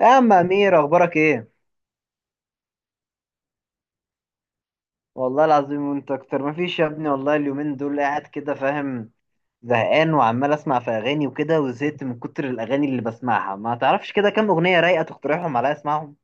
يا عم امير اخبارك ايه؟ والله العظيم وانت اكتر. مفيش يا ابني، والله اليومين دول قاعد كده، فاهم؟ زهقان وعمال اسمع في اغاني وكده، وزهقت من كتر الاغاني اللي بسمعها. ما تعرفش كده كام اغنيه رايقه تقترحهم عليا اسمعهم؟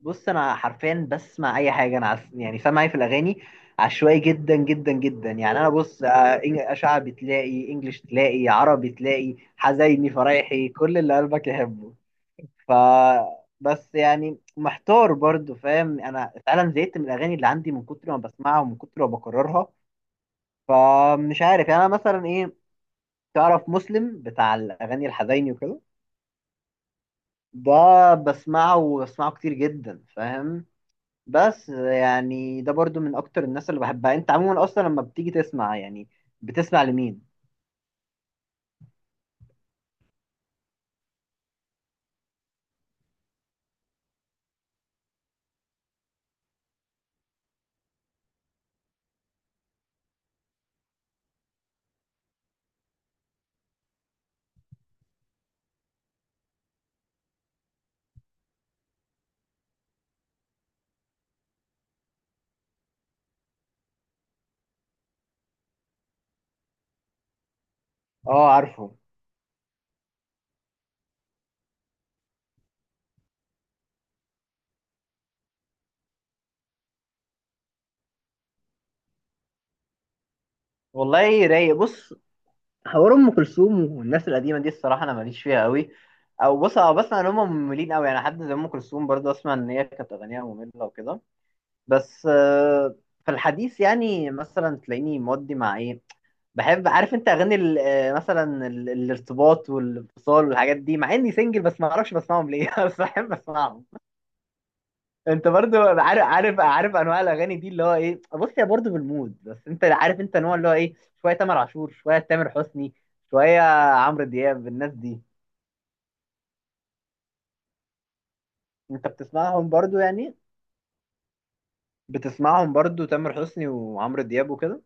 بص انا حرفيا بسمع اي حاجه. يعني سامع ايه في الاغاني؟ عشوائي جدا جدا جدا. يعني انا بص، شعبي تلاقي، انجليش تلاقي، عربي تلاقي، حزيني، فرايحي، كل اللي قلبك يحبه. ف بس يعني محتار برضو، فاهم؟ انا فعلا زهقت من الاغاني اللي عندي من كتر ما بسمعها ومن كتر ما بكررها. فمش عارف يعني انا مثلا ايه. تعرف مسلم بتاع الاغاني الحزيني وكده؟ ده بسمعه، وبسمعه كتير جدا، فاهم؟ بس يعني ده برضو من اكتر الناس اللي بحبها. انت عموما اصلا لما بتيجي تسمع يعني، بتسمع لمين؟ اه عارفه. والله رايق. بص، حوار ام كلثوم والناس القديمه دي الصراحه انا ماليش فيها قوي. او بص، او بسمع ان هم مملين قوي، يعني حد زي ام كلثوم برضه اسمع ان هي كانت اغانيها ممله وكده. بس في الحديث يعني مثلا تلاقيني مودي مع ايه. بحب، عارف انت اغاني مثلا الارتباط والانفصال والحاجات دي، مع اني سنجل، بس ما اعرفش بسمعهم ليه بس بحب اسمعهم. انت برضو عارف، عارف انواع الاغاني دي اللي هو ايه. بص، هي برضو بالمود، بس انت عارف انت نوع اللي هو ايه. شويه تامر عاشور، شويه تامر حسني، شويه عمرو دياب، الناس دي. انت بتسمعهم برضو يعني؟ بتسمعهم برضو تامر حسني وعمرو دياب وكده؟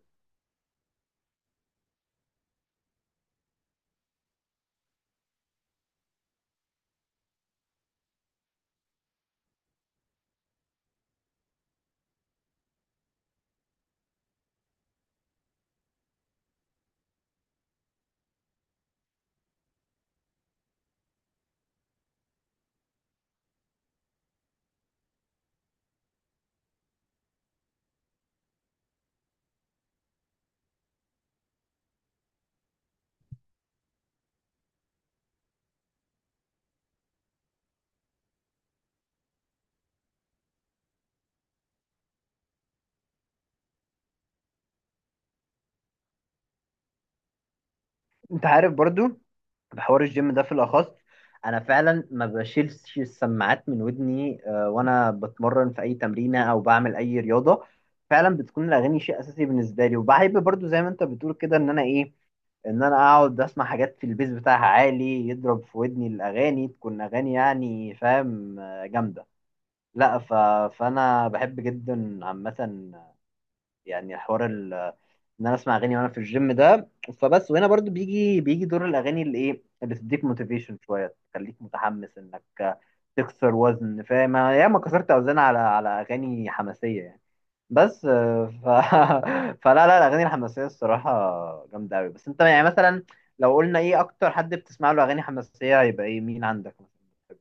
انت عارف برضو بحوار الجيم ده في الأخص. أنا فعلا ما بشيلش السماعات من ودني، وأنا بتمرن في أي تمرينة أو بعمل أي رياضة. فعلا بتكون الأغاني شيء أساسي بالنسبة لي. وبحب برضو زي ما أنت بتقول كده، إن أنا إيه، إن أنا أقعد أسمع حاجات في البيز بتاعها عالي، يضرب في ودني، الأغاني تكون أغاني يعني فاهم، جامدة. لا ف... فأنا بحب جدا عامة يعني حوار ان انا اسمع اغاني وانا في الجيم ده. فبس، وهنا برضو بيجي دور الاغاني اللي ايه، اللي تديك موتيفيشن شويه، تخليك متحمس انك تكسر وزن. فاهم، أنا ياما كسرت اوزان على اغاني حماسيه يعني. بس فلا لا الاغاني الحماسيه الصراحه جامده قوي. بس انت يعني مثلا لو قلنا ايه اكتر حد بتسمع له اغاني حماسيه هيبقى ايه، مين عندك مثلا؟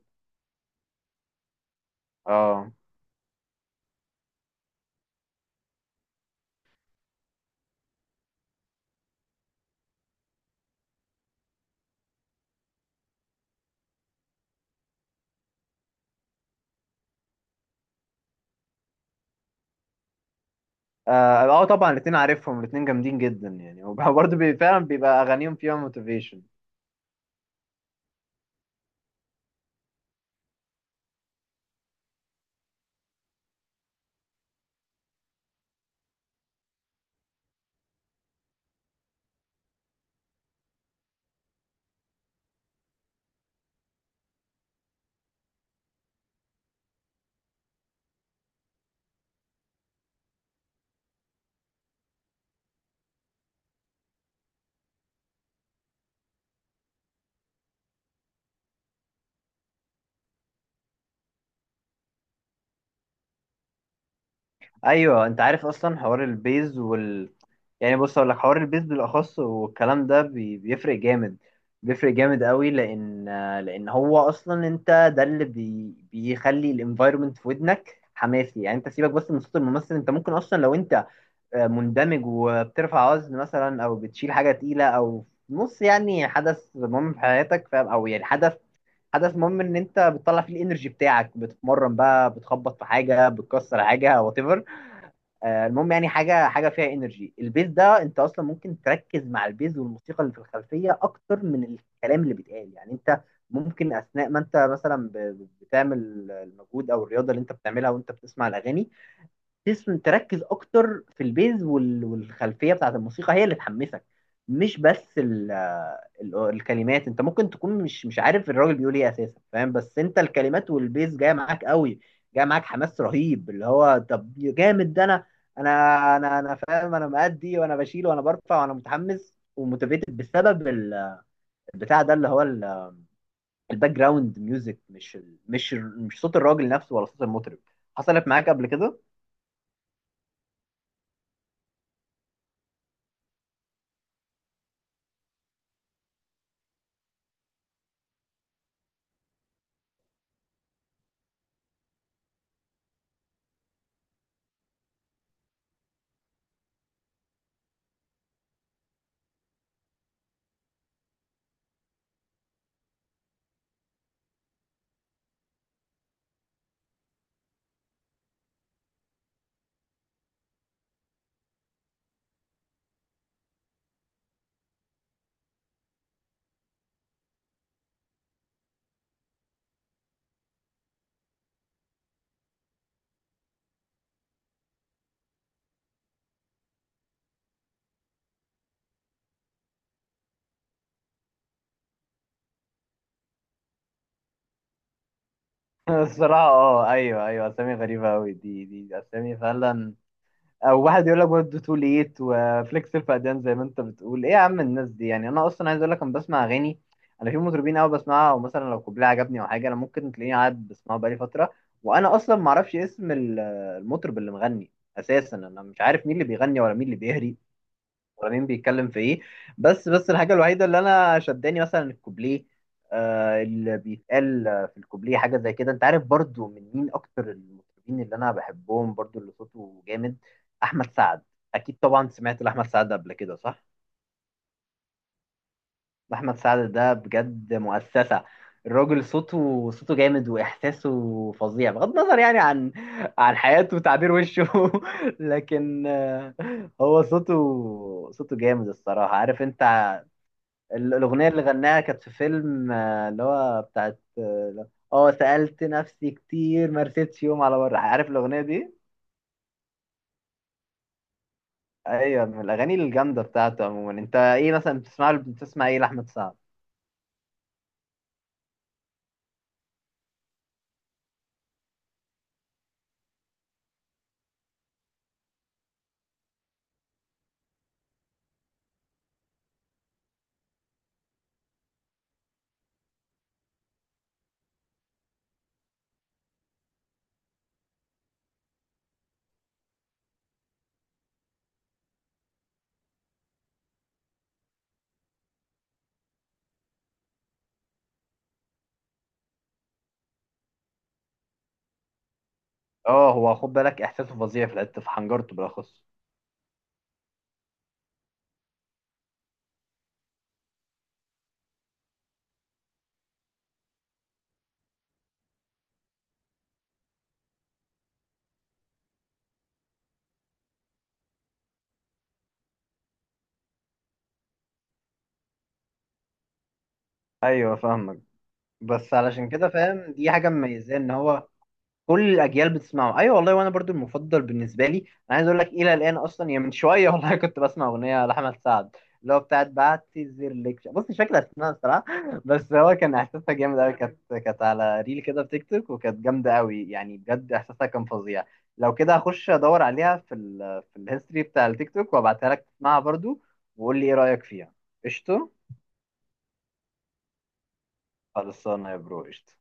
اه اه طبعا الاثنين عارفهم، الاثنين جامدين جدا يعني وبرضه فعلا بيبقى اغانيهم فيها موتيفيشن. ايوه، انت عارف اصلا حوار البيز وال، يعني بص اقول لك، حوار البيز بالاخص والكلام ده بيفرق جامد. بيفرق جامد قوي، لان هو اصلا، انت ده اللي بيخلي الانفايرمنت في ودنك حماسي. يعني انت سيبك بس من صوت الممثل، انت ممكن اصلا لو انت مندمج وبترفع وزن مثلا، او بتشيل حاجه تقيله، او في نص يعني حدث مهم في حياتك، فاهم، او يعني حدث، حدث مهم ان انت بتطلع فيه الانرجي بتاعك، بتتمرن بقى بتخبط في حاجه، بتكسر حاجه وات، المهم يعني حاجه، حاجه فيها انرجي. البيز ده انت اصلا ممكن تركز مع البيز والموسيقى اللي في الخلفيه اكتر من الكلام اللي بيتقال. يعني انت ممكن اثناء ما انت مثلا بتعمل المجهود او الرياضه اللي انت بتعملها وانت بتسمع الاغاني، تسم تركز اكتر في البيز والخلفيه بتاعت الموسيقى هي اللي تحمسك، مش بس ال، الكلمات. انت ممكن تكون مش عارف الراجل بيقول ايه اساسا، فاهم، بس انت الكلمات والبيز جايه معاك قوي، جايه معاك حماس رهيب، اللي هو طب جامد ده، انا فاهم، انا مأدي وانا بشيل وانا برفع وانا متحمس وموتيفيتد بسبب البتاع ده، اللي هو الباك جراوند ميوزك، مش ال، مش صوت الراجل نفسه ولا صوت المطرب. حصلت معاك قبل كده؟ الصراحة اه ايوه ايوه، اسامي غريبة اوي دي، اسامي فعلا. او واحد يقول لك برضه تو ليت وفليكس الفقدان، زي ما انت بتقول. ايه يا عم الناس دي؟ يعني انا اصلا عايز اقول لك، انا بسمع اغاني، انا في مطربين قوي بسمعها، او مثلا لو كوبليه عجبني او حاجة انا ممكن تلاقيني قاعد بسمعه بقالي فترة، وانا اصلا ما اعرفش اسم المطرب اللي مغني اساسا. انا مش عارف مين اللي بيغني ولا مين اللي بيهري، ابراهيم بيتكلم في ايه. بس الحاجه الوحيده اللي انا شداني مثلا الكوبليه. آه اللي بيتقال، في الكوبليه حاجه زي كده. انت عارف برضو من مين اكتر المطربين اللي انا بحبهم برضو اللي صوته جامد؟ احمد سعد. اكيد طبعا سمعت لاحمد سعد قبل كده، صح؟ احمد سعد ده بجد مؤسسه. الراجل صوته جامد واحساسه فظيع، بغض النظر يعني عن حياته وتعبير وشه لكن هو صوته، صوته جامد الصراحة، عارف انت الأغنية اللي غناها كانت في فيلم، اللي هو بتاعت اه، سألت نفسي كتير ما رستش يوم على بره، عارف الأغنية دي؟ أيوة من الأغاني الجامدة بتاعته عموما. أنت إيه مثلا بتسمع، بتسمع إيه لأحمد سعد؟ اه، هو خد بالك إحساسه فظيع في الحتة، في حنجرته بالأخص. أيوة فاهمك. بس علشان كده فاهم دي حاجة مميزة، إن هو كل الاجيال بتسمعه. ايوه والله، وانا برضو المفضل بالنسبه لي. انا عايز اقول لك الى الان اصلا يعني من شويه والله كنت بسمع اغنيه لاحمد سعد، اللي هو بتاعت بعتذر لك بص مش فاكر اسمها الصراحه، بس هو كان احساسها جامد قوي. كانت، كانت على ريل كده في تيك توك وكانت جامده قوي يعني، بجد احساسها كان فظيع. لو كده هخش ادور عليها في ال، في الهيستوري بتاع التيك توك وابعتها لك تسمعها برضو، وقول لي ايه رايك فيها. قشطه. خلصانه يا برو، قشطه.